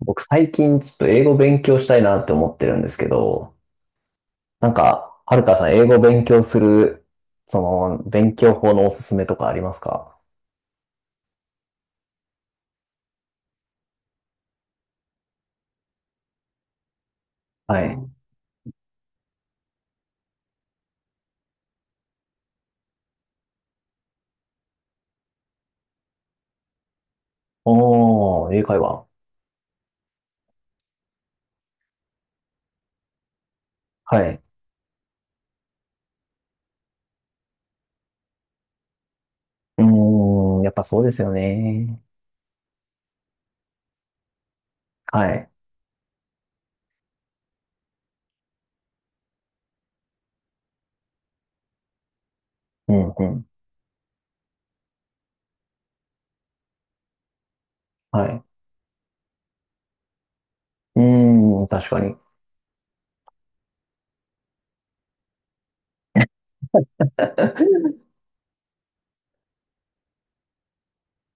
僕最近ちょっと英語勉強したいなって思ってるんですけど、はるかさん英語勉強する、勉強法のおすすめとかありますか？はい。おー、英会話。はい。うーん、やっぱそうですよね。はい。うん、うん。はい。うーん、確かに。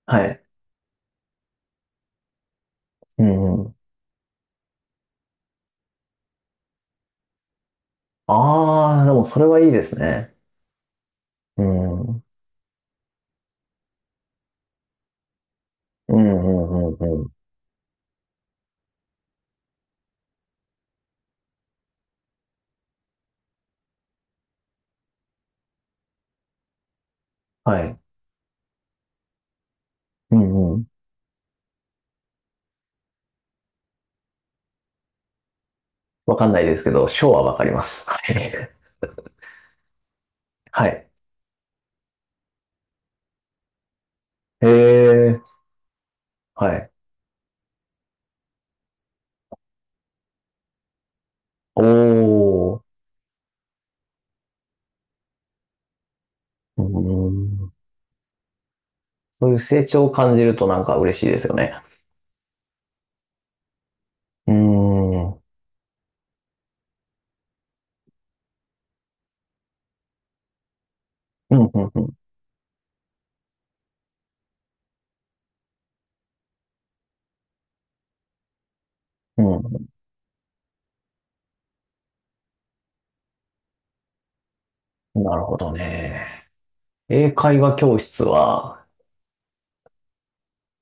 はい。うん、うん。あー、でもそれはいいですね。うん。うん、うん、うん、うん。はい。うん、うん。わかんないですけど、ショーはわかります。はい。はい。へえ、はい。おー、うーん。そういう成長を感じるとなんか嬉しいですよね。うーん。うん、うん、うん。うん。なるほどね。英会話教室は、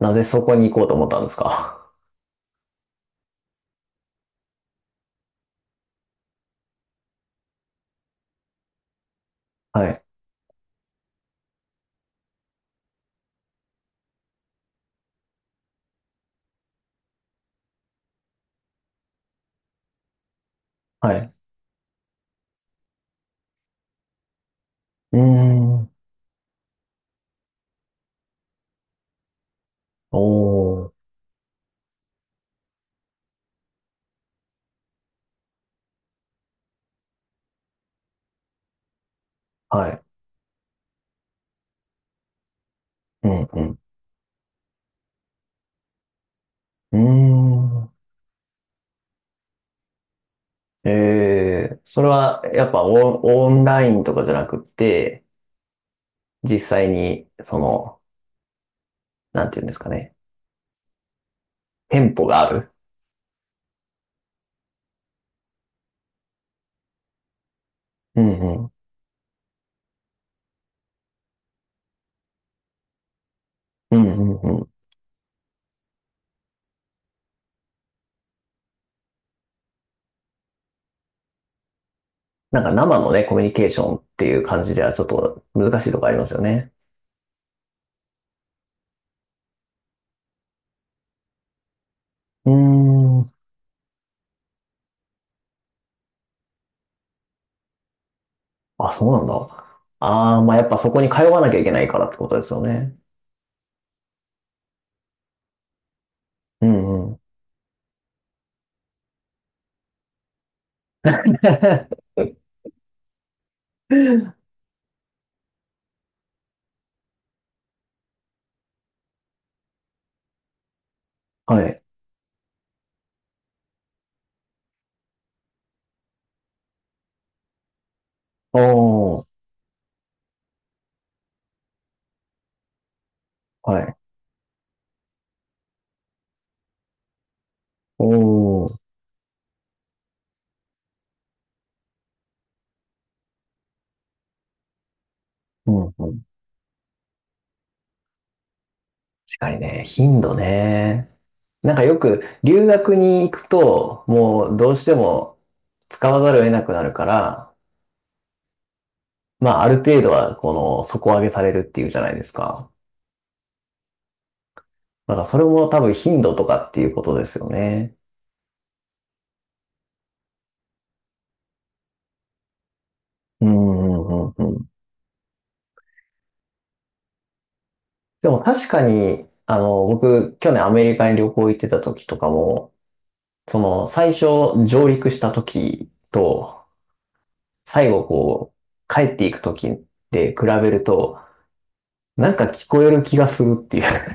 なぜそこに行こうと思ったんですか？ はい、はい。うーん。おー、はい。うん、うん。うーん。えー、それはやっぱオン、オンラインとかじゃなくって、実際に、なんていうんですかね。店舗がある。うんうんうんうん。なんか生のね、コミュニケーションっていう感じではちょっと難しいとこありますよね。うーん。あ、そうなんだ。ああ、まあやっぱそこに通わなきゃいけないからってことですよね。うんうん。はい。おお、はい。おお、うんうん。近いね。頻度ね。なんかよく留学に行くと、もうどうしても使わざるを得なくなるから、まあある程度はこの底上げされるっていうじゃないですか。だからそれも多分頻度とかっていうことですよね。うんうんうんうん。でも確かに、あの、僕、去年アメリカに旅行行ってた時とかも、最初上陸した時と、最後こう、帰っていく時で比べると、なんか聞こえる気がするっていう。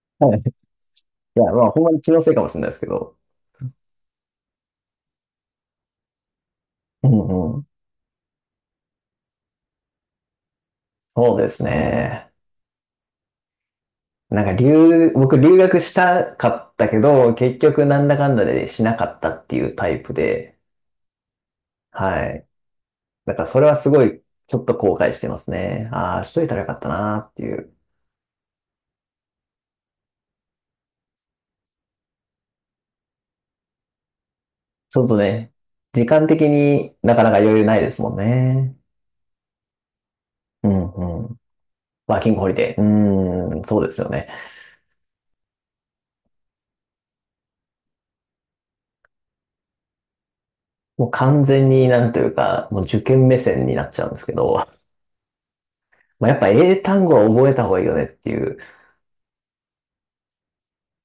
はい。いや、まあ、ほんまに気のせいかもしれないですけど。うんうん。そうですね。なんか僕留学したかったけど、結局なんだかんだでしなかったっていうタイプで、はい。だからそれはすごい、ちょっと後悔してますね。ああ、しといたらよかったなっていう。ちょっとね、時間的になかなか余裕ないですもんね。うんうん。ワーキングホリデー。うーん、そうですよね。もう完全になんというか、もう受験目線になっちゃうんですけど、まあ、やっぱ英単語は覚えた方がいいよねっていう。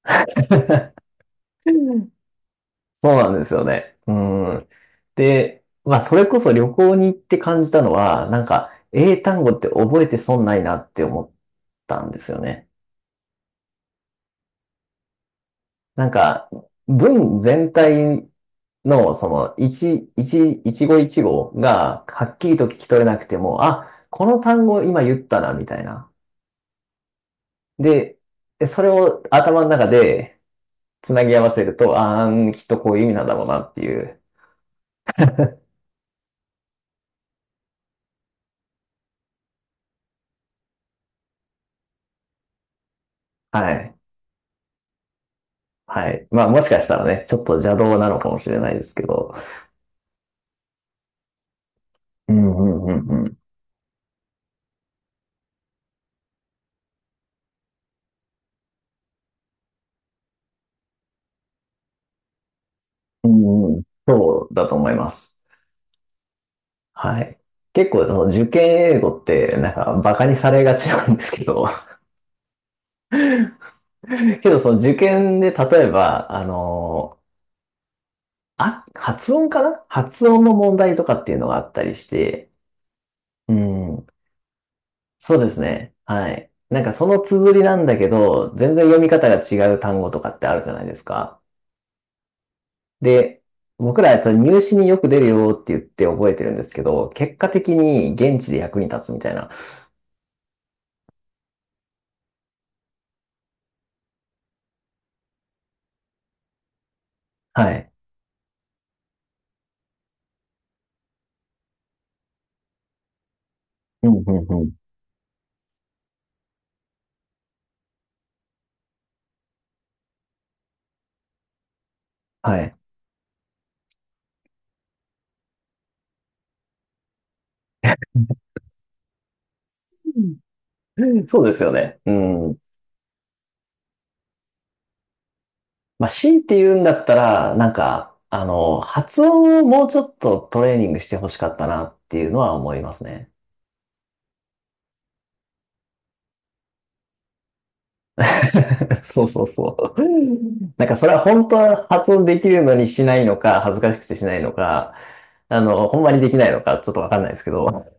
そうなんですよね。うん。で、まあそれこそ旅行に行って感じたのは、なんか英単語って覚えて損ないなって思ったんですよね。なんか、文全体の、一語一語が、はっきりと聞き取れなくても、あ、この単語今言ったな、みたいな。で、それを頭の中でつなぎ合わせると、あー、きっとこういう意味なんだろうなっていう。はい。はい。まあ、もしかしたらね、ちょっと邪道なのかもしれないですけど。うんうんうんうん。うんうん、そうだと思います。はい。結構、その受験英語って、なんか、バカにされがちなんですけど、けど、その受験で、例えば、発音かな発音の問題とかっていうのがあったりして、うん、そうですね。はい。なんかその綴りなんだけど、全然読み方が違う単語とかってあるじゃないですか。で、僕らそれ入試によく出るよって言って覚えてるんですけど、結果的に現地で役に立つみたいな。はい。うん、うん、うん。はい。そうですよね。うん。まあ、強いて言うんだったら、発音をもうちょっとトレーニングしてほしかったなっていうのは思いますね。そうそうそう。なんかそれは本当は発音できるのにしないのか、恥ずかしくてしないのか、ほんまにできないのか、ちょっとわかんないですけど。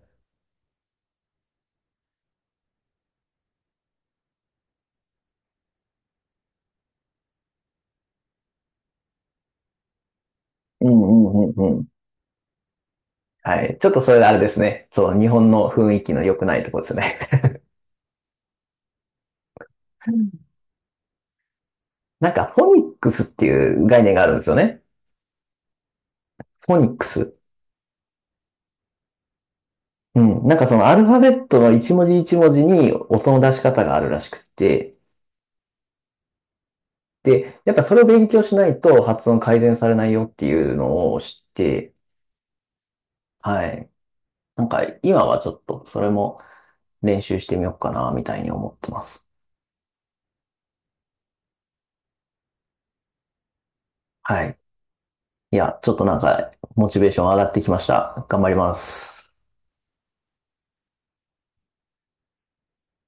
うんうんうんうん。はい。ちょっとそれあれですね。そう、日本の雰囲気の良くないところですね。なんか、フォニックスっていう概念があるんですよね。フォニックス。うん。なんかそのアルファベットの一文字一文字に音の出し方があるらしくって、で、やっぱそれを勉強しないと発音改善されないよっていうのを知って、はい。なんか今はちょっとそれも練習してみようかな、みたいに思ってます。はい。いや、ちょっとなんかモチベーション上がってきました。頑張ります。